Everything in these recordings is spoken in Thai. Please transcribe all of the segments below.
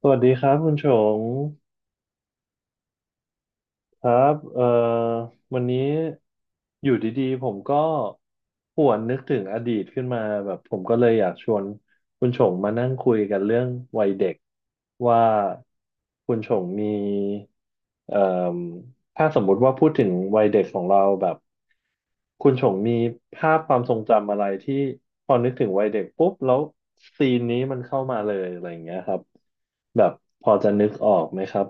สวัสดีครับคุณชงครับวันนี้อยู่ดีๆผมก็หวนนึกถึงอดีตขึ้นมาแบบผมก็เลยอยากชวนคุณชงมานั่งคุยกันเรื่องวัยเด็กว่าคุณชงมีเอ่มถ้าสมมุติว่าพูดถึงวัยเด็กของเราแบบคุณชงมีภาพความทรงจำอะไรที่พอนึกถึงวัยเด็กปุ๊บแล้วซีนนี้มันเข้ามาเลยอะไรอย่างเงี้ยครับแบบพอจะนึกออกไหมครับ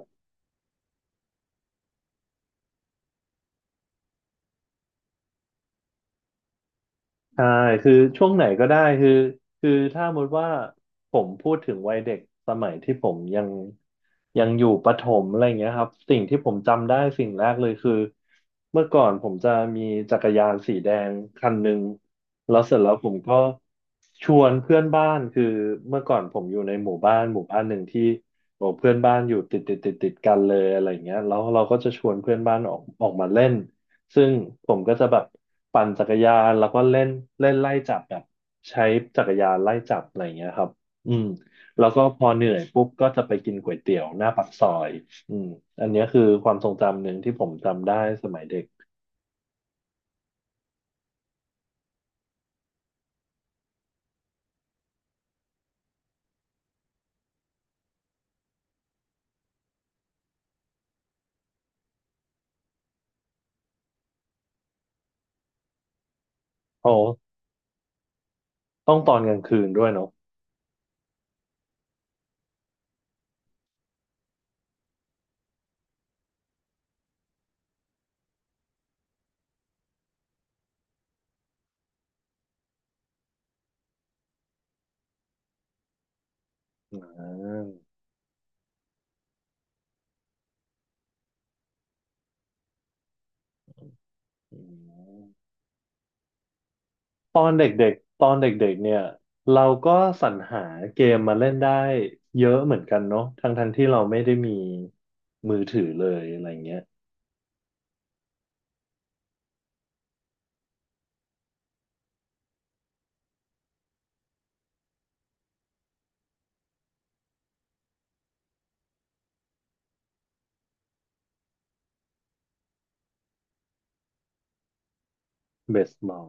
ใช่คือช่วงไหนก็ได้คือถ้าสมมติว่าผมพูดถึงวัยเด็กสมัยที่ผมยังอยู่ประถมอะไรอย่างเงี้ยครับสิ่งที่ผมจำได้สิ่งแรกเลยคือเมื่อก่อนผมจะมีจักรยานสีแดงคันหนึ่งแล้วเสร็จแล้วผมก็ชวนเพื่อนบ้านคือเมื่อก่อนผมอยู่ในหมู่บ้านหนึ่งที่โอ้เพื่อนบ้านอยู่ติดติดติดติดกันเลยอะไรอย่างเงี้ยแล้วเราก็จะชวนเพื่อนบ้านออกมาเล่น ซึ่งผมก็จะแบบปั่นจักรยานแล้วก็เล่นเล่นไล่จับแบบใช้จักรยานไล่จับอะไรอย่างเงี้ยครับอืมแล้วก็พอเหนื่อยปุ๊บก็จะไปกินก๋วยเตี๋ยวหน้าปากซอยอืมอันเนี้ยคือความทรงจำหนึ่งที่ผมจำได้สมัยเด็ก โอ้ต้องตอนกลางคืนด้วยเนาะอ่าอืมตอนเด็กๆตอนเด็กๆเนี่ยเราก็สรรหาเกมมาเล่นได้เยอะเหมือนกันเนาะทั้งๆที่เราไม่ได้มีมือถือเลยอะไรเงี้ยเบสบอล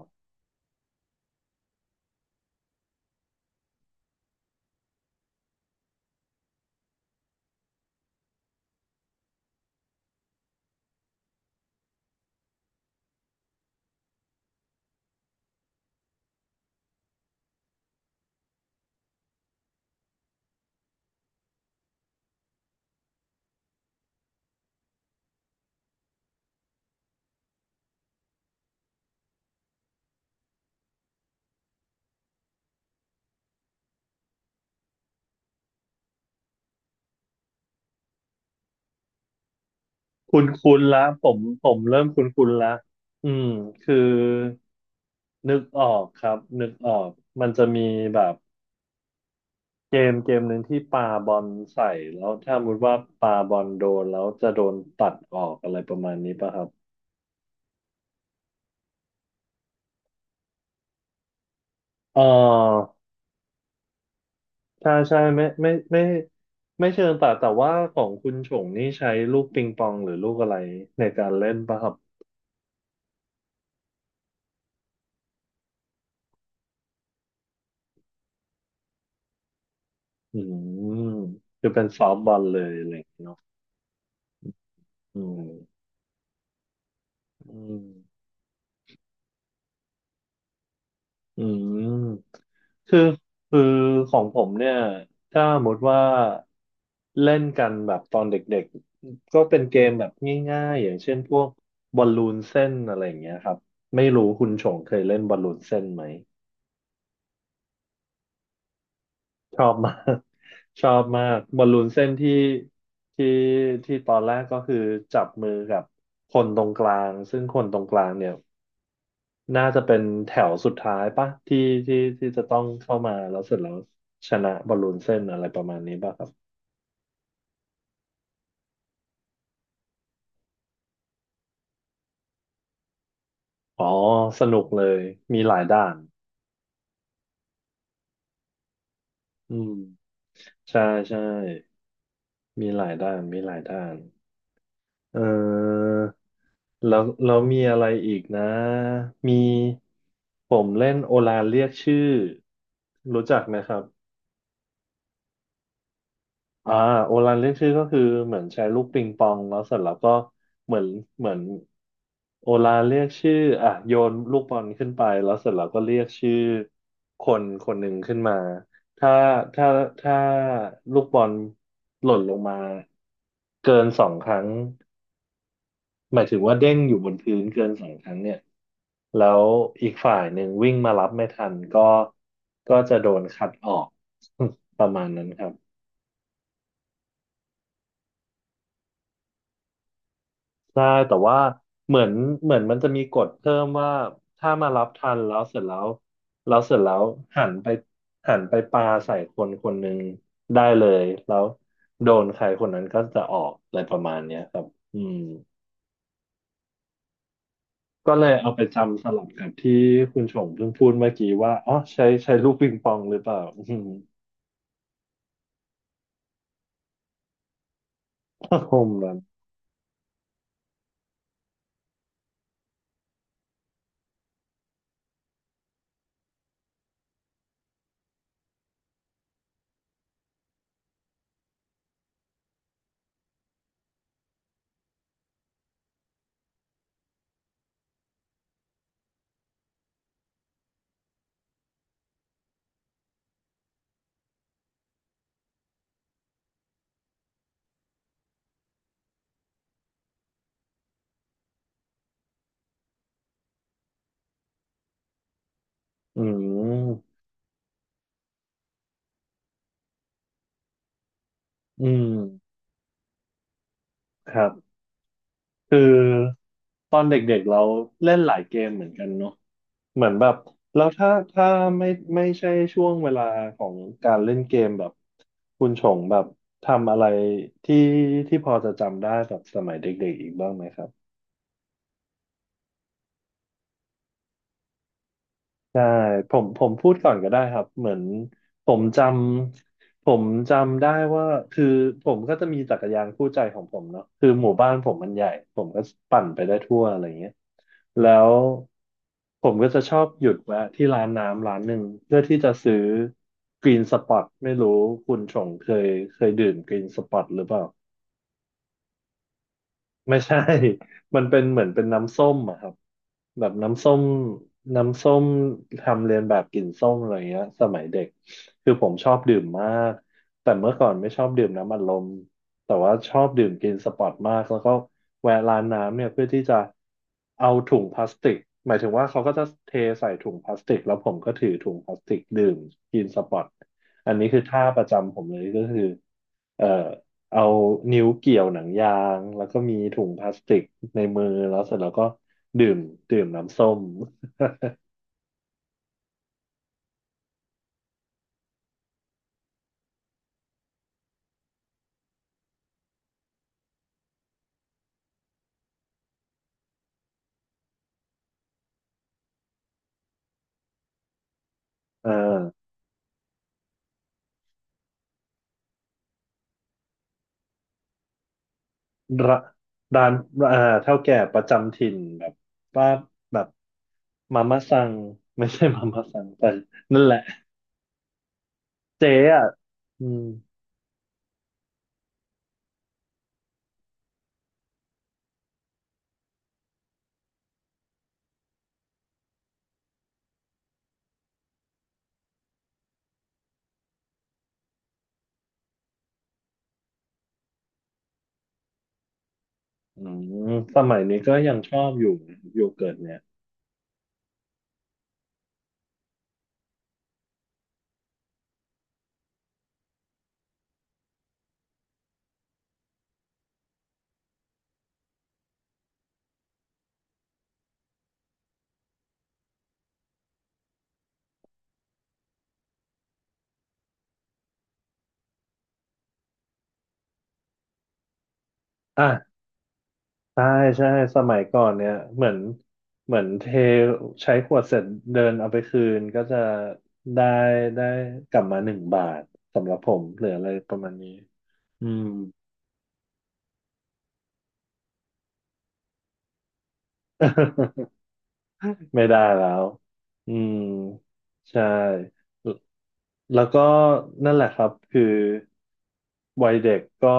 คุณละผมเริ่มคุณละอืมคือนึกออกครับนึกออกมันจะมีแบบเกมหนึ่งที่ปาบอลใส่แล้วถ้าสมมติว่าปาบอลโดนแล้วจะโดนตัดออกอะไรประมาณนี้ป่ะครับเออใช่ใช่ไม่ไม่ไม่ไม่เชิงตัดแต่ว่าของคุณฉงนี่ใช้ลูกปิงปองหรือลูกอะไรในการเล่นป่ะครับอืมคือเป็นซอฟต์บอลเลยอะไรอย่างเงี้ยเนาะอืมอืม อืมคือคือของผมเนี่ยถ้าสมมติว่าเล่นกันแบบตอนเด็กๆก็เป็นเกมแบบง่ายๆอย่างเช่นพวกบอลลูนเส้นอะไรอย่างเงี้ยครับไม่รู้คุณชงเคยเล่นบอลลูนเส้นไหมชอบมาก ชอบมากบอลลูนเส้นที่ที่ตอนแรกก็คือจับมือกับคนตรงกลางซึ่งคนตรงกลางเนี่ย น่าจะเป็นแถวสุดท้ายปะที่จะต้องเข้ามาแล้วเสร็จแล้วชนะบอลลูนเส้นอะไรประมาณนี้ป่ะครับอ๋อสนุกเลยมีหลายด้านอืมใช่ใช่มีหลายด้านมีหลายด้านเออแล้วมีอะไรอีกนะมีผมเล่นโอลานเรียกชื่อรู้จักไหมครับ อ่าโอรันเรียกชื่อก็คือเหมือนใช้ลูกปิงปองแล้วเสร็จแล้วก็เหมือนเหมือนโอรันเรียกชื่ออ่ะโยนลูกบอลขึ้นไปแล้วเสร็จแล้วก็เรียกชื่อคนคนหนึ่งขึ้นมาถ้าถ้าถ้าลูกบอลหล่นลงมาเกินสองครั้งหมายถึงว่าเด้งอยู่บนพื้นเกินสองครั้งเนี่ยแล้วอีกฝ่ายหนึ่งวิ่งมารับไม่ทันก็จะโดนคัดออก ประมาณนั้นครับ ใช่แต่ว่าเหมือนเหมือนมันจะมีกฎเพิ่มว่าถ้ามารับทันแล้วเสร็จแล้วแล้วเสร็จแล้วหันไปหันไปปาใส่คนคนหนึ่งได้เลยแล้วโดนใครคนนั้นก็จะออกอะไรประมาณเนี้ยครับอืมก็เลยเอาไปจำสลับกับที่คุณชงเพิ่งพูดเมื่อกี้ว่าอ๋อใช้ลูกปิงปองหรือเปล่าอืม ก็คงแบบอืมอืมครับ คือตอนเด็กๆเราเล่นหลายเกมเหมือนกันเนาะเหมือนแบบแล้วถ้าไม่ไม่ใช่ช่วงเวลาของการเล่นเกมแบบคุณชงแบบทำอะไรที่ที่พอจะจำได้แบบสมัยเด็กๆอีกบ้างไหมครับ ใช่ผมพูดก่อนก็ได้ครับเหมือนผมจผมจำได้ว่าคือผมก็จะมีจักรยานคู่ใจของผมเนาะคือหมู่บ้านผมมันใหญ่ผมก็ปั่นไปได้ทั่วอะไรเงี้ยแล้วผมก็จะชอบหยุดแวะที่ร้านน้ำร้านหนึ่งเพื่อที่จะซื้อกรีนสปอตไม่รู้คุณชงเคยดื่มกรีนสปอตหรือเปล่า ไม่ใช่ มันเป็นเหมือนเป็นน้ำส้มอะครับแบบน้ำส้มทำเรียนแบบกลิ่นส้มอะไรเงี้ยสมัยเด็กคือผมชอบดื่มมากแต่เมื่อก่อนไม่ชอบดื่มน้ำอัดลมแต่ว่าชอบดื่มกินสปอร์ตมากแล้วก็แวะร้านน้ำเนี่ยเพื่อที่จะเอาถุงพลาสติกหมายถึงว่าเขาก็จะเทใส่ถุงพลาสติกแล้วผมก็ถือถุงพลาสติกดื่มกินสปอร์ตอันนี้คือท่าประจำผมเลยก็คือเอ่อ เอานิ้วเกี่ยวหนังยางแล้วก็มีถุงพลาสติกในมือแล้วเสร็จแล้วก็ดื่มดื่มน้ำส้มอ่าร้าร้านเฒ่าแก่ประจำถิ่นแบบป้าแบบมาม่าซังไม่ใช่มาม่าซังแต่นั่นแหละเจ๊อ่ะอืมอืสมัยนี้ก็ยังชอบอยู่นะโยเกิร์ตเนี่ยอ่ะ ใช่ใช่สมัยก่อนเนี่ยเหมือนเทใช้ขวดเสร็จเดินเอาไปคืนก็จะได้ได้กลับมา1 บาทสำหรับผมเหลืออะไรประมาณนี้อืม ไม่ได้แล้วอืมใช่ แล้วก็นั่นแหละครับคือวัยเด็กก็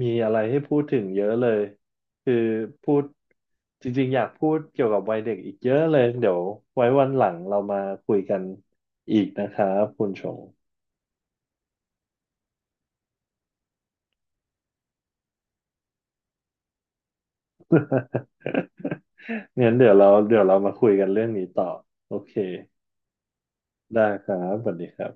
มีอะไรให้พูดถึงเยอะเลยคือพูดจริงๆอยากพูดเกี่ยวกับวัยเด็กอีกเยอะเลยเดี๋ยวไว้วันหลังเรามาคุยกันอีกนะครับคุณชง งั้นเดี๋ยวเรามาคุยกันเรื่องนี้ต่อโอเคได้ครับสวัสดีครับ